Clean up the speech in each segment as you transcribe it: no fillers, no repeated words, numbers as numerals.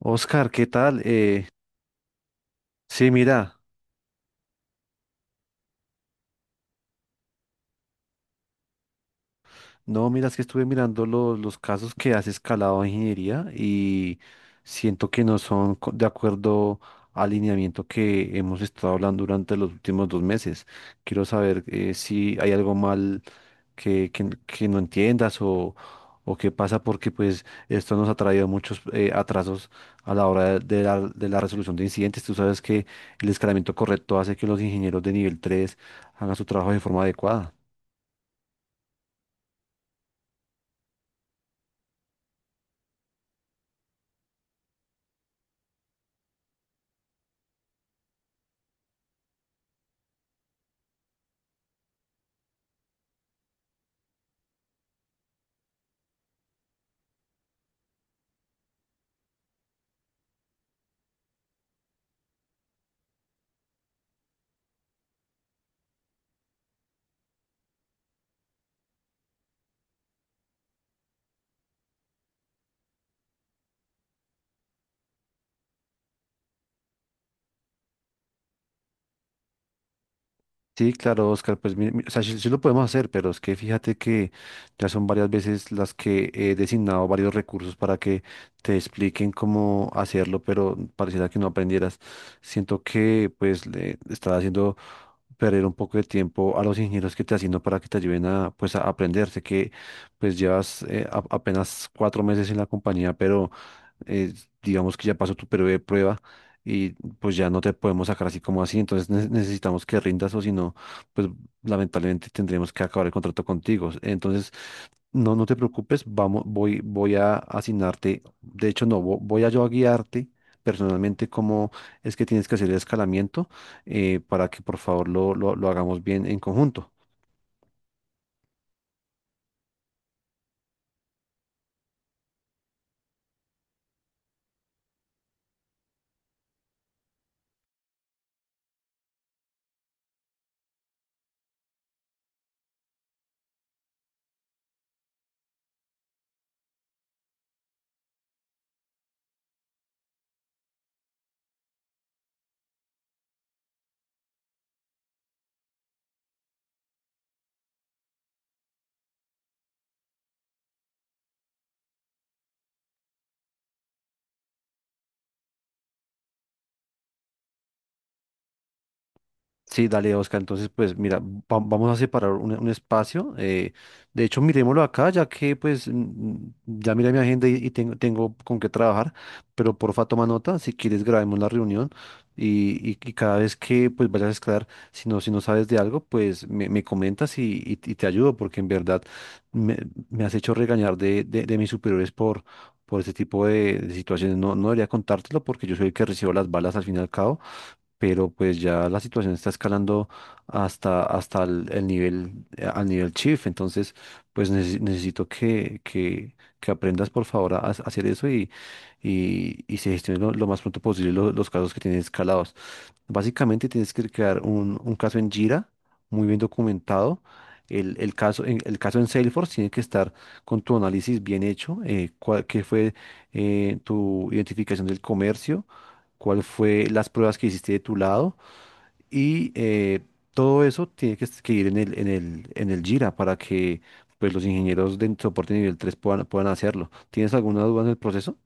Oscar, ¿qué tal? Sí, mira. No, mira, es que estuve mirando los casos que has escalado en ingeniería y siento que no son de acuerdo al lineamiento que hemos estado hablando durante los últimos 2 meses. Quiero saber si hay algo mal que no entiendas o qué pasa porque pues esto nos ha traído muchos atrasos a la hora de la resolución de incidentes. Tú sabes que el escalamiento correcto hace que los ingenieros de nivel 3 hagan su trabajo de forma adecuada. Sí, claro, Oscar, pues o sea, sí lo podemos hacer, pero es que fíjate que ya son varias veces las que he designado varios recursos para que te expliquen cómo hacerlo, pero pareciera que no aprendieras. Siento que pues le estás haciendo perder un poco de tiempo a los ingenieros que te asigno para que te ayuden a pues a aprender. Sé que pues llevas apenas 4 meses en la compañía, pero eh, digamos que ya pasó tu periodo de prueba y pues ya no te podemos sacar así como así, entonces necesitamos que rindas o si no, pues lamentablemente tendremos que acabar el contrato contigo. Entonces, no, no te preocupes, vamos, voy a asignarte, de hecho no, voy a yo a guiarte personalmente cómo es que tienes que hacer el escalamiento para que por favor lo hagamos bien en conjunto. Sí, dale, Oscar. Entonces, pues mira, vamos a separar un espacio. De hecho, miremoslo acá, ya que pues ya mira, mi agenda y tengo con qué trabajar, pero porfa, toma nota, si quieres grabemos la reunión y cada vez que pues vayas a escalar, si no sabes de algo, pues me comentas y te ayudo, porque en verdad me, me has hecho regañar de mis superiores por este tipo de situaciones. No, no debería contártelo porque yo soy el que recibo las balas al fin y al cabo, pero pues ya la situación está escalando hasta el nivel, al nivel chief. Entonces, pues necesito que aprendas por favor a hacer eso y se gestionen lo más pronto posible los casos que tienes escalados. Básicamente tienes que crear un caso en Jira, muy bien documentado. El caso, el caso en Salesforce tiene que estar con tu análisis bien hecho. Cuál, qué fue tu identificación del comercio, cuál fue las pruebas que hiciste de tu lado y todo eso tiene que, que ir en el Jira para que, pues, los ingenieros de soporte nivel 3 puedan hacerlo. ¿Tienes alguna duda en el proceso?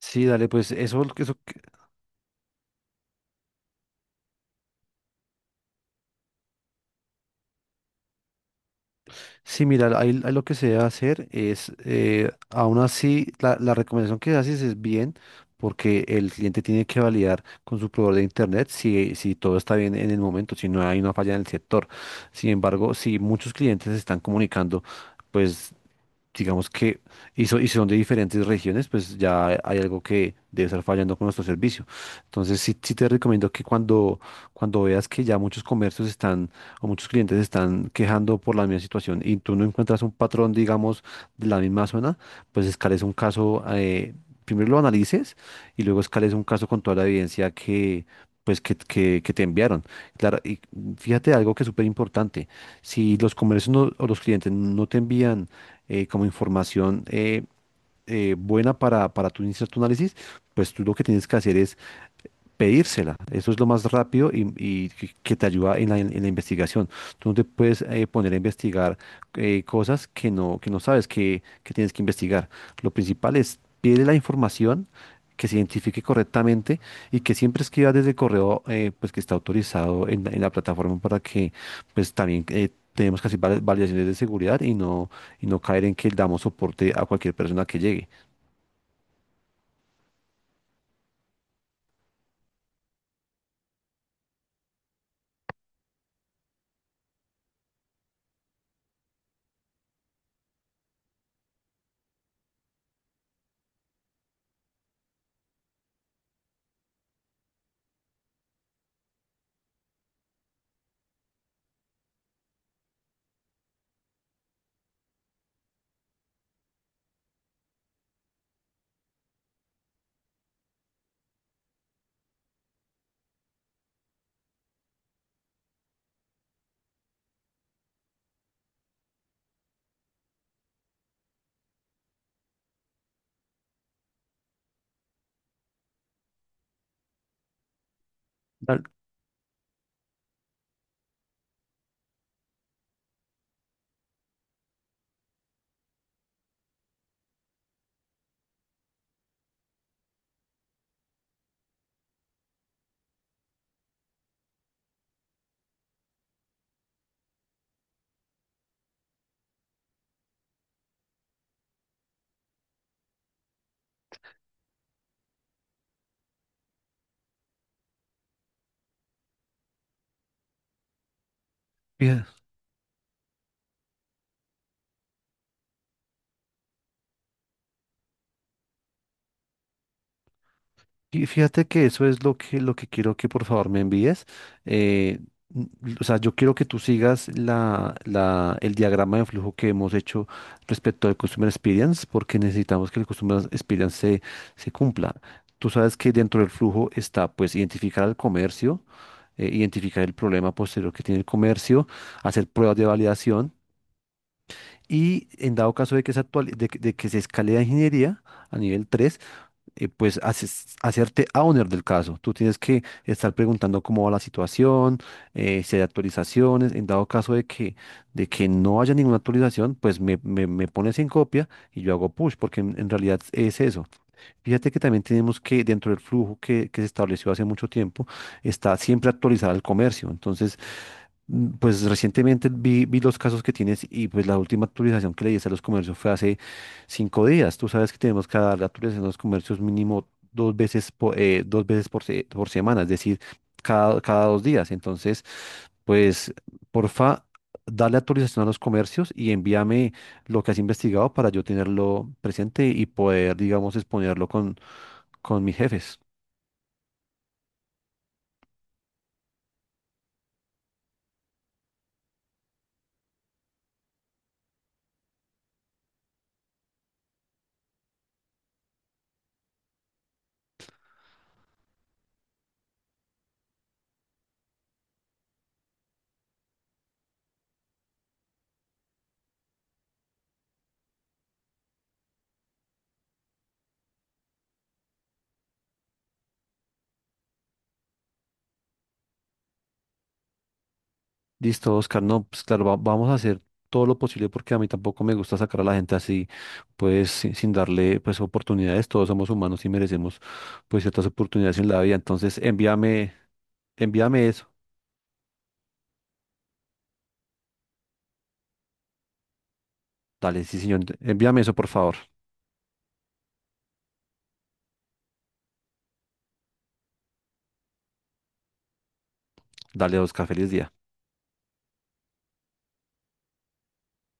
Sí, dale, pues eso. Sí, mira, ahí lo que se debe hacer es, aún así, la recomendación que haces es bien, porque el cliente tiene que validar con su proveedor de internet si todo está bien en el momento, si no hay una falla en el sector. Sin embargo, si muchos clientes se están comunicando, pues digamos que, y son de diferentes regiones, pues ya hay algo que debe estar fallando con nuestro servicio. Entonces, sí te recomiendo que cuando veas que ya muchos comercios están, o muchos clientes están quejando por la misma situación y tú no encuentras un patrón, digamos, de la misma zona, pues escales un caso, primero lo analices y luego escales un caso con toda la evidencia que... pues que te enviaron. Claro, y fíjate algo que es súper importante. Si los comercios o los clientes no te envían como información buena para tú iniciar tu análisis, pues tú lo que tienes que hacer es pedírsela. Eso es lo más rápido y que te ayuda en la investigación. Tú no te puedes poner a investigar cosas que no sabes que tienes que investigar. Lo principal es pide la información, que se identifique correctamente y que siempre escriba desde el correo, pues, que está autorizado en la plataforma para que, pues, también tenemos que hacer validaciones de seguridad y no caer en que damos soporte a cualquier persona que llegue. Tal- Y fíjate que eso es lo que, quiero que por favor me envíes. Eh, n- o sea, yo quiero que tú sigas el diagrama de flujo que hemos hecho respecto al Customer Experience, porque necesitamos que el Customer Experience se cumpla. Tú sabes que dentro del flujo está, pues, identificar al comercio, identificar el problema posterior que tiene el comercio, hacer pruebas de validación y, en dado caso de que se, actuali- de que se escale a ingeniería a nivel 3, pues hacerte owner del caso. Tú tienes que estar preguntando cómo va la situación, si hay actualizaciones. En dado caso de que no haya ninguna actualización, pues me pones en copia y yo hago push, porque en realidad es eso. Fíjate que también tenemos que, dentro del flujo que se estableció hace mucho tiempo, está siempre actualizar el comercio. Entonces, pues recientemente vi los casos que tienes, y pues la última actualización que le diste a los comercios fue hace 5 días. Tú sabes que tenemos que dar la actualización a los comercios mínimo 2 veces por, dos veces por, se- por semana, es decir, cada 2 días. Entonces, pues porfa, dale actualización a los comercios y envíame lo que has investigado para yo tenerlo presente y poder, digamos, exponerlo con, mis jefes. Listo, Oscar. No, pues claro, vamos a hacer todo lo posible, porque a mí tampoco me gusta sacar a la gente así, pues sin darle pues oportunidades. Todos somos humanos y merecemos pues ciertas oportunidades en la vida. Entonces, envíame, eso. Dale, sí, señor. Envíame eso, por favor. Dale, Oscar. Feliz día.